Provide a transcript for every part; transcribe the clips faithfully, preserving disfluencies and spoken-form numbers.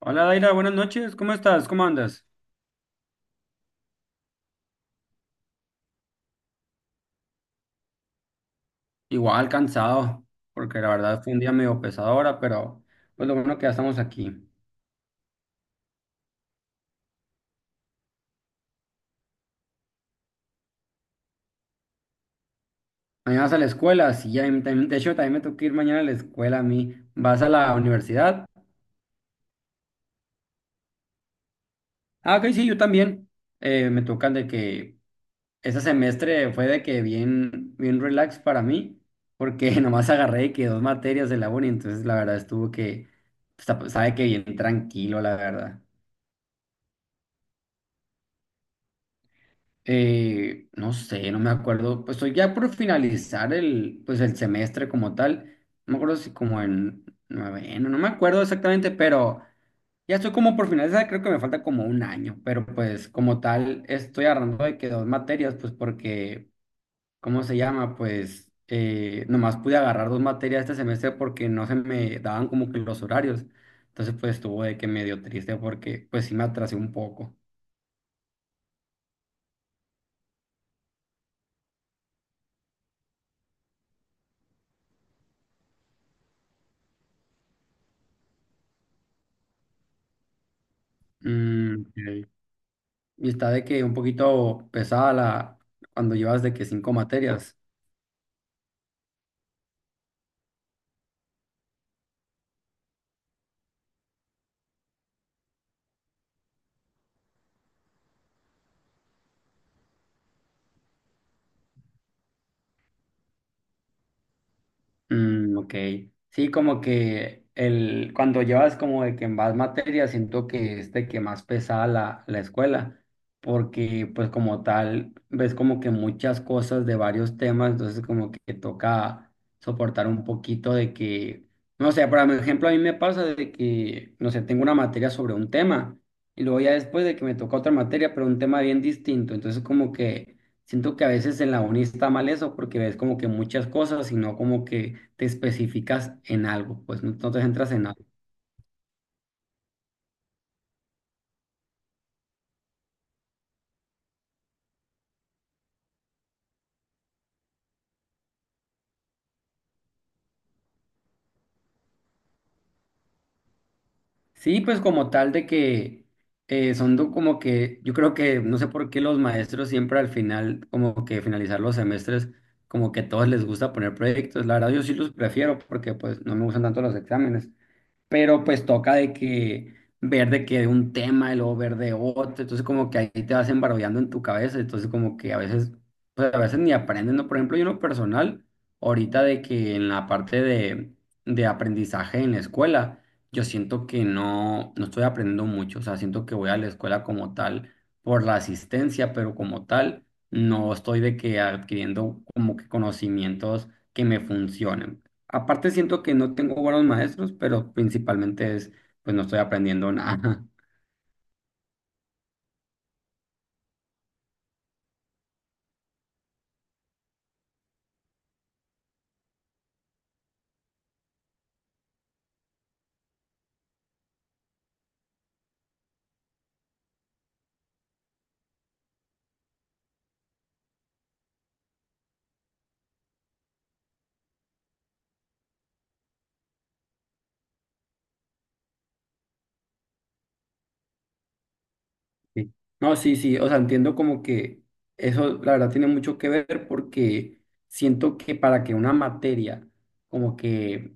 Hola Daira, buenas noches, ¿cómo estás? ¿Cómo andas? Igual cansado, porque la verdad fue un día medio pesado ahora, pero pues lo bueno que ya estamos aquí. Mañana vas a la escuela, sí, ya, también- de hecho también me toca ir mañana a la escuela a mí. ¿Vas a la universidad? Ah, ok, sí, yo también. Eh, me tocan de que ese semestre fue de que bien, bien relax para mí, porque nomás agarré de que dos materias de la uni, entonces la verdad estuvo que, está- sabe que bien tranquilo, la verdad. Eh, no sé, no me acuerdo. Pues estoy ya por finalizar el, pues el semestre como tal. No me acuerdo si como en noveno, no me acuerdo exactamente, pero ya estoy como por finalizar. Creo que me falta como un año, pero pues como tal estoy agarrando de que dos materias, pues porque, ¿cómo se llama? Pues eh, nomás pude agarrar dos materias este semestre porque no se me daban como que los horarios. Entonces pues estuvo de que medio triste porque pues sí me atrasé un poco. Mm, ok. Y está de que un poquito pesada la, cuando llevas de que cinco materias. Mm, ok. Sí, como que el, cuando llevas como de que más materias, siento que es de que más pesada la, la escuela, porque pues como tal, ves como que muchas cosas de varios temas, entonces como que toca soportar un poquito de que, no sé, por ejemplo, a mí me pasa de que, no sé, tengo una materia sobre un tema. Y luego ya después de que me toca otra materia, pero un tema bien distinto. Entonces como que siento que a veces en la uni está mal eso porque ves como que muchas cosas y no como que te especificas en algo, pues no, no te centras en algo. Sí, pues como tal de que eh, son do- como que yo creo que no sé por qué los maestros siempre al final, como que finalizar los semestres, como que a todos les gusta poner proyectos. La verdad yo sí los prefiero porque pues no me gustan tanto los exámenes. Pero pues toca de que ver de que de un tema y luego ver de otro, entonces como que ahí te vas embarullando en tu cabeza, entonces como que a veces, pues a veces ni aprendes, ¿no? Por ejemplo, yo en lo personal, ahorita de que en la parte de, de aprendizaje en la escuela, yo siento que no, no estoy aprendiendo mucho, o sea, siento que voy a la escuela como tal por la asistencia, pero como tal, no estoy de que adquiriendo como que conocimientos que me funcionen. Aparte siento que no tengo buenos maestros, pero principalmente es, pues no estoy aprendiendo nada. Sí. No, sí, sí, o sea, entiendo como que eso la verdad tiene mucho que ver porque siento que para que una materia como que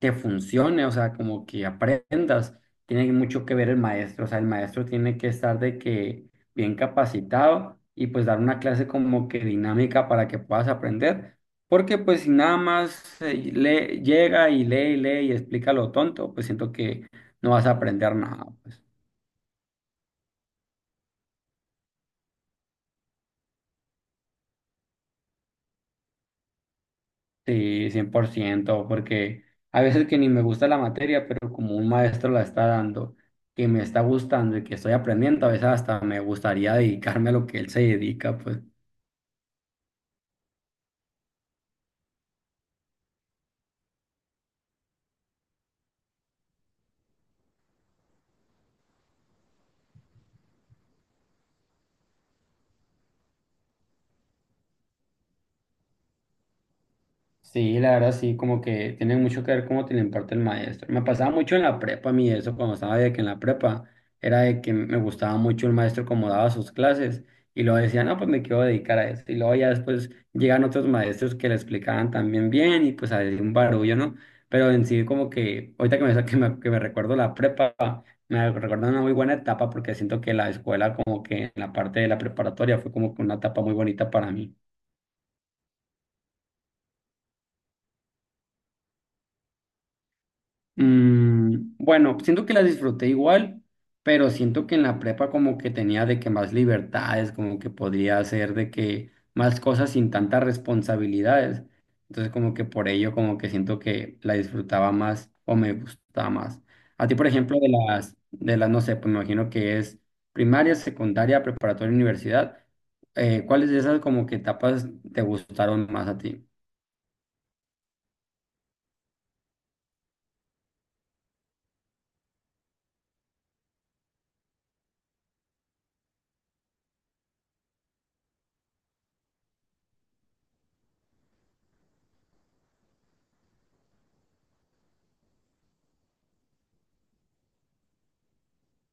que funcione, o sea, como que aprendas. Tiene mucho que ver el maestro, o sea, el maestro tiene que estar de que bien capacitado y pues dar una clase como que dinámica para que puedas aprender, porque pues si nada más eh, le llega y lee y lee y explica lo tonto, pues siento que no vas a aprender nada, pues. Sí, cien por ciento. Porque a veces que ni me gusta la materia, pero como un maestro la está dando, que me está gustando y que estoy aprendiendo, a veces hasta me gustaría dedicarme a lo que él se dedica, pues. Sí, la verdad sí, como que tiene mucho que ver cómo te lo imparte el maestro. Me pasaba mucho en la prepa a mí eso, cuando estaba de que en la prepa era de que me gustaba mucho el maestro como daba sus clases y luego decía, no, pues me quiero dedicar a esto. Y luego ya después llegan otros maestros que le explicaban también bien y pues había un barullo, ¿no? Pero en sí como que, ahorita que me, que me, que me recuerdo la prepa, me recuerdo una muy buena etapa porque siento que la escuela como que en la parte de la preparatoria fue como que una etapa muy bonita para mí. Mm, bueno, siento que la disfruté igual, pero siento que en la prepa como que tenía de que más libertades, como que podría hacer de que más cosas sin tantas responsabilidades. Entonces como que por ello como que siento que la disfrutaba más o me gustaba más. A ti, por ejemplo, de las, de las, no sé, pues me imagino que es primaria, secundaria, preparatoria, universidad. eh, ¿cuáles de esas como que etapas te gustaron más a ti?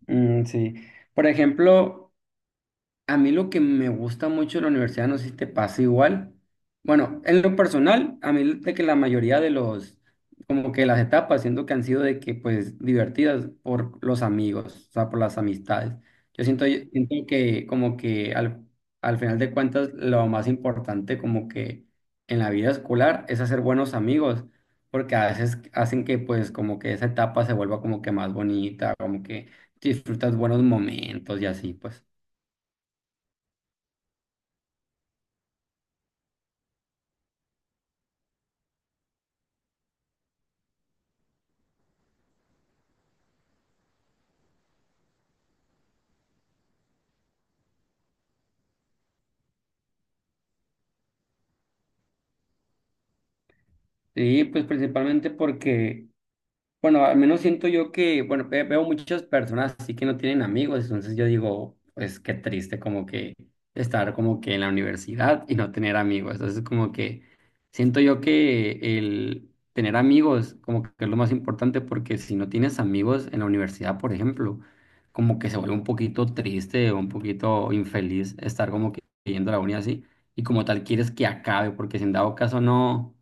Mm, sí. Por ejemplo, a mí lo que me gusta mucho de la universidad, no sé si te pasa igual. Bueno, en lo personal, a mí de que la mayoría de los, como que las etapas, siento que han sido de que, pues, divertidas por los amigos, o sea, por las amistades. Yo siento, yo siento que como que al, al final de cuentas, lo más importante como que en la vida escolar es hacer buenos amigos, porque a veces hacen que, pues, como que esa etapa se vuelva como que más bonita, como que disfrutas buenos momentos y así, pues. Sí, pues principalmente porque, bueno, al menos siento yo que, bueno, ve- veo muchas personas así que no tienen amigos, entonces yo digo, pues qué triste como que estar como que en la universidad y no tener amigos. Entonces como que siento yo que el tener amigos como que es lo más importante porque si no tienes amigos en la universidad, por ejemplo, como que se vuelve un poquito triste o un poquito infeliz estar como que yendo a la uni así y como tal quieres que acabe porque si en dado caso no,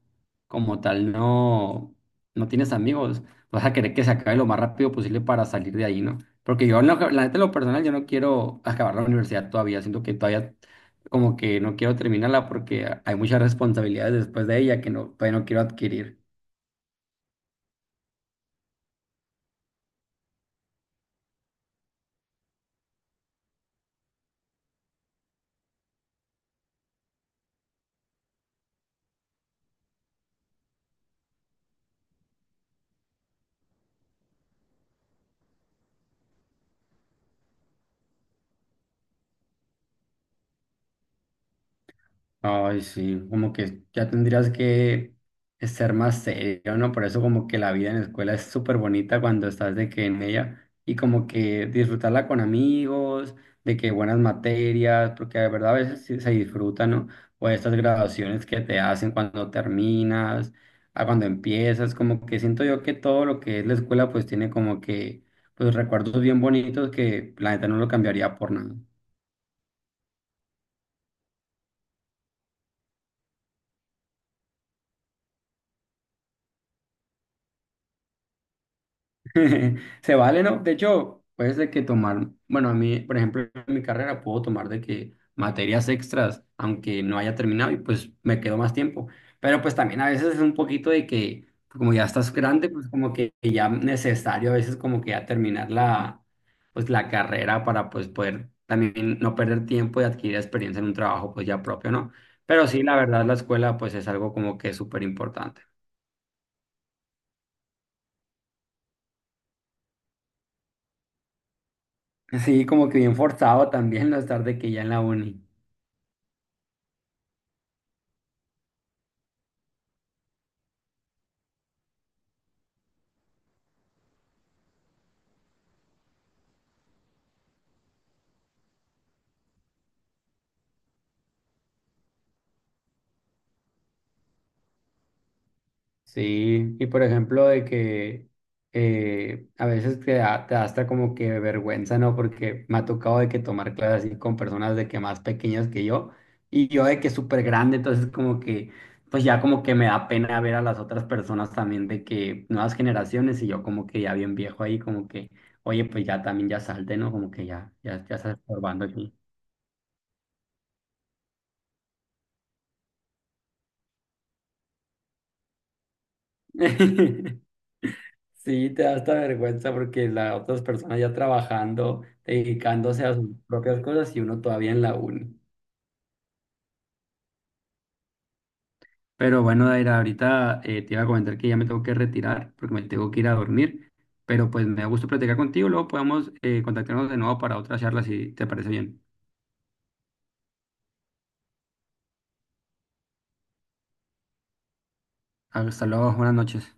como tal no, no tienes amigos vas a querer que se acabe lo más rápido posible para salir de ahí, ¿no? Porque yo, en lo, que- la neta, en lo personal, yo no quiero acabar la universidad todavía, siento que todavía como que no quiero terminarla porque hay muchas responsabilidades después de ella que no, todavía no quiero adquirir. Ay, sí, como que ya tendrías que ser más serio, ¿no? Por eso como que la vida en la escuela es súper bonita cuando estás de que en ella y como que disfrutarla con amigos, de que buenas materias, porque de verdad a veces sí se disfruta, ¿no? O estas graduaciones que te hacen cuando terminas, a cuando empiezas, como que siento yo que todo lo que es la escuela pues tiene como que pues recuerdos bien bonitos que la neta no lo cambiaría por nada. Se vale, ¿no? De hecho, puedes de que tomar, bueno, a mí, por ejemplo, en mi carrera puedo tomar de que materias extras, aunque no haya terminado y pues me quedo más tiempo. Pero pues también a veces es un poquito de que, como ya estás grande, pues como que ya necesario a veces como que ya terminar la, pues la carrera para pues poder también no perder tiempo y adquirir experiencia en un trabajo pues ya propio, ¿no? Pero sí, la verdad, la escuela pues es algo como que súper importante. Sí, como que bien forzado también no estar de que ya en la uni. Sí, y por ejemplo de que eh, a veces te da, te da hasta como que vergüenza, ¿no? Porque me ha tocado de que tomar clases así con personas de que más pequeñas que yo y yo de que súper grande, entonces como que pues ya como que me da pena ver a las otras personas también de que nuevas generaciones y yo como que ya bien viejo ahí como que, oye, pues ya también ya salte, ¿no? Como que ya, ya, ya estás estorbando aquí. Sí, te da hasta vergüenza porque las otras personas ya trabajando, dedicándose a sus propias cosas y uno todavía en la uni. Pero bueno, Daira, ahorita eh, te iba a comentar que ya me tengo que retirar porque me tengo que ir a dormir. Pero pues me da gusto platicar contigo. Luego podemos eh, contactarnos de nuevo para otra charla si te parece bien. Hasta luego, buenas noches.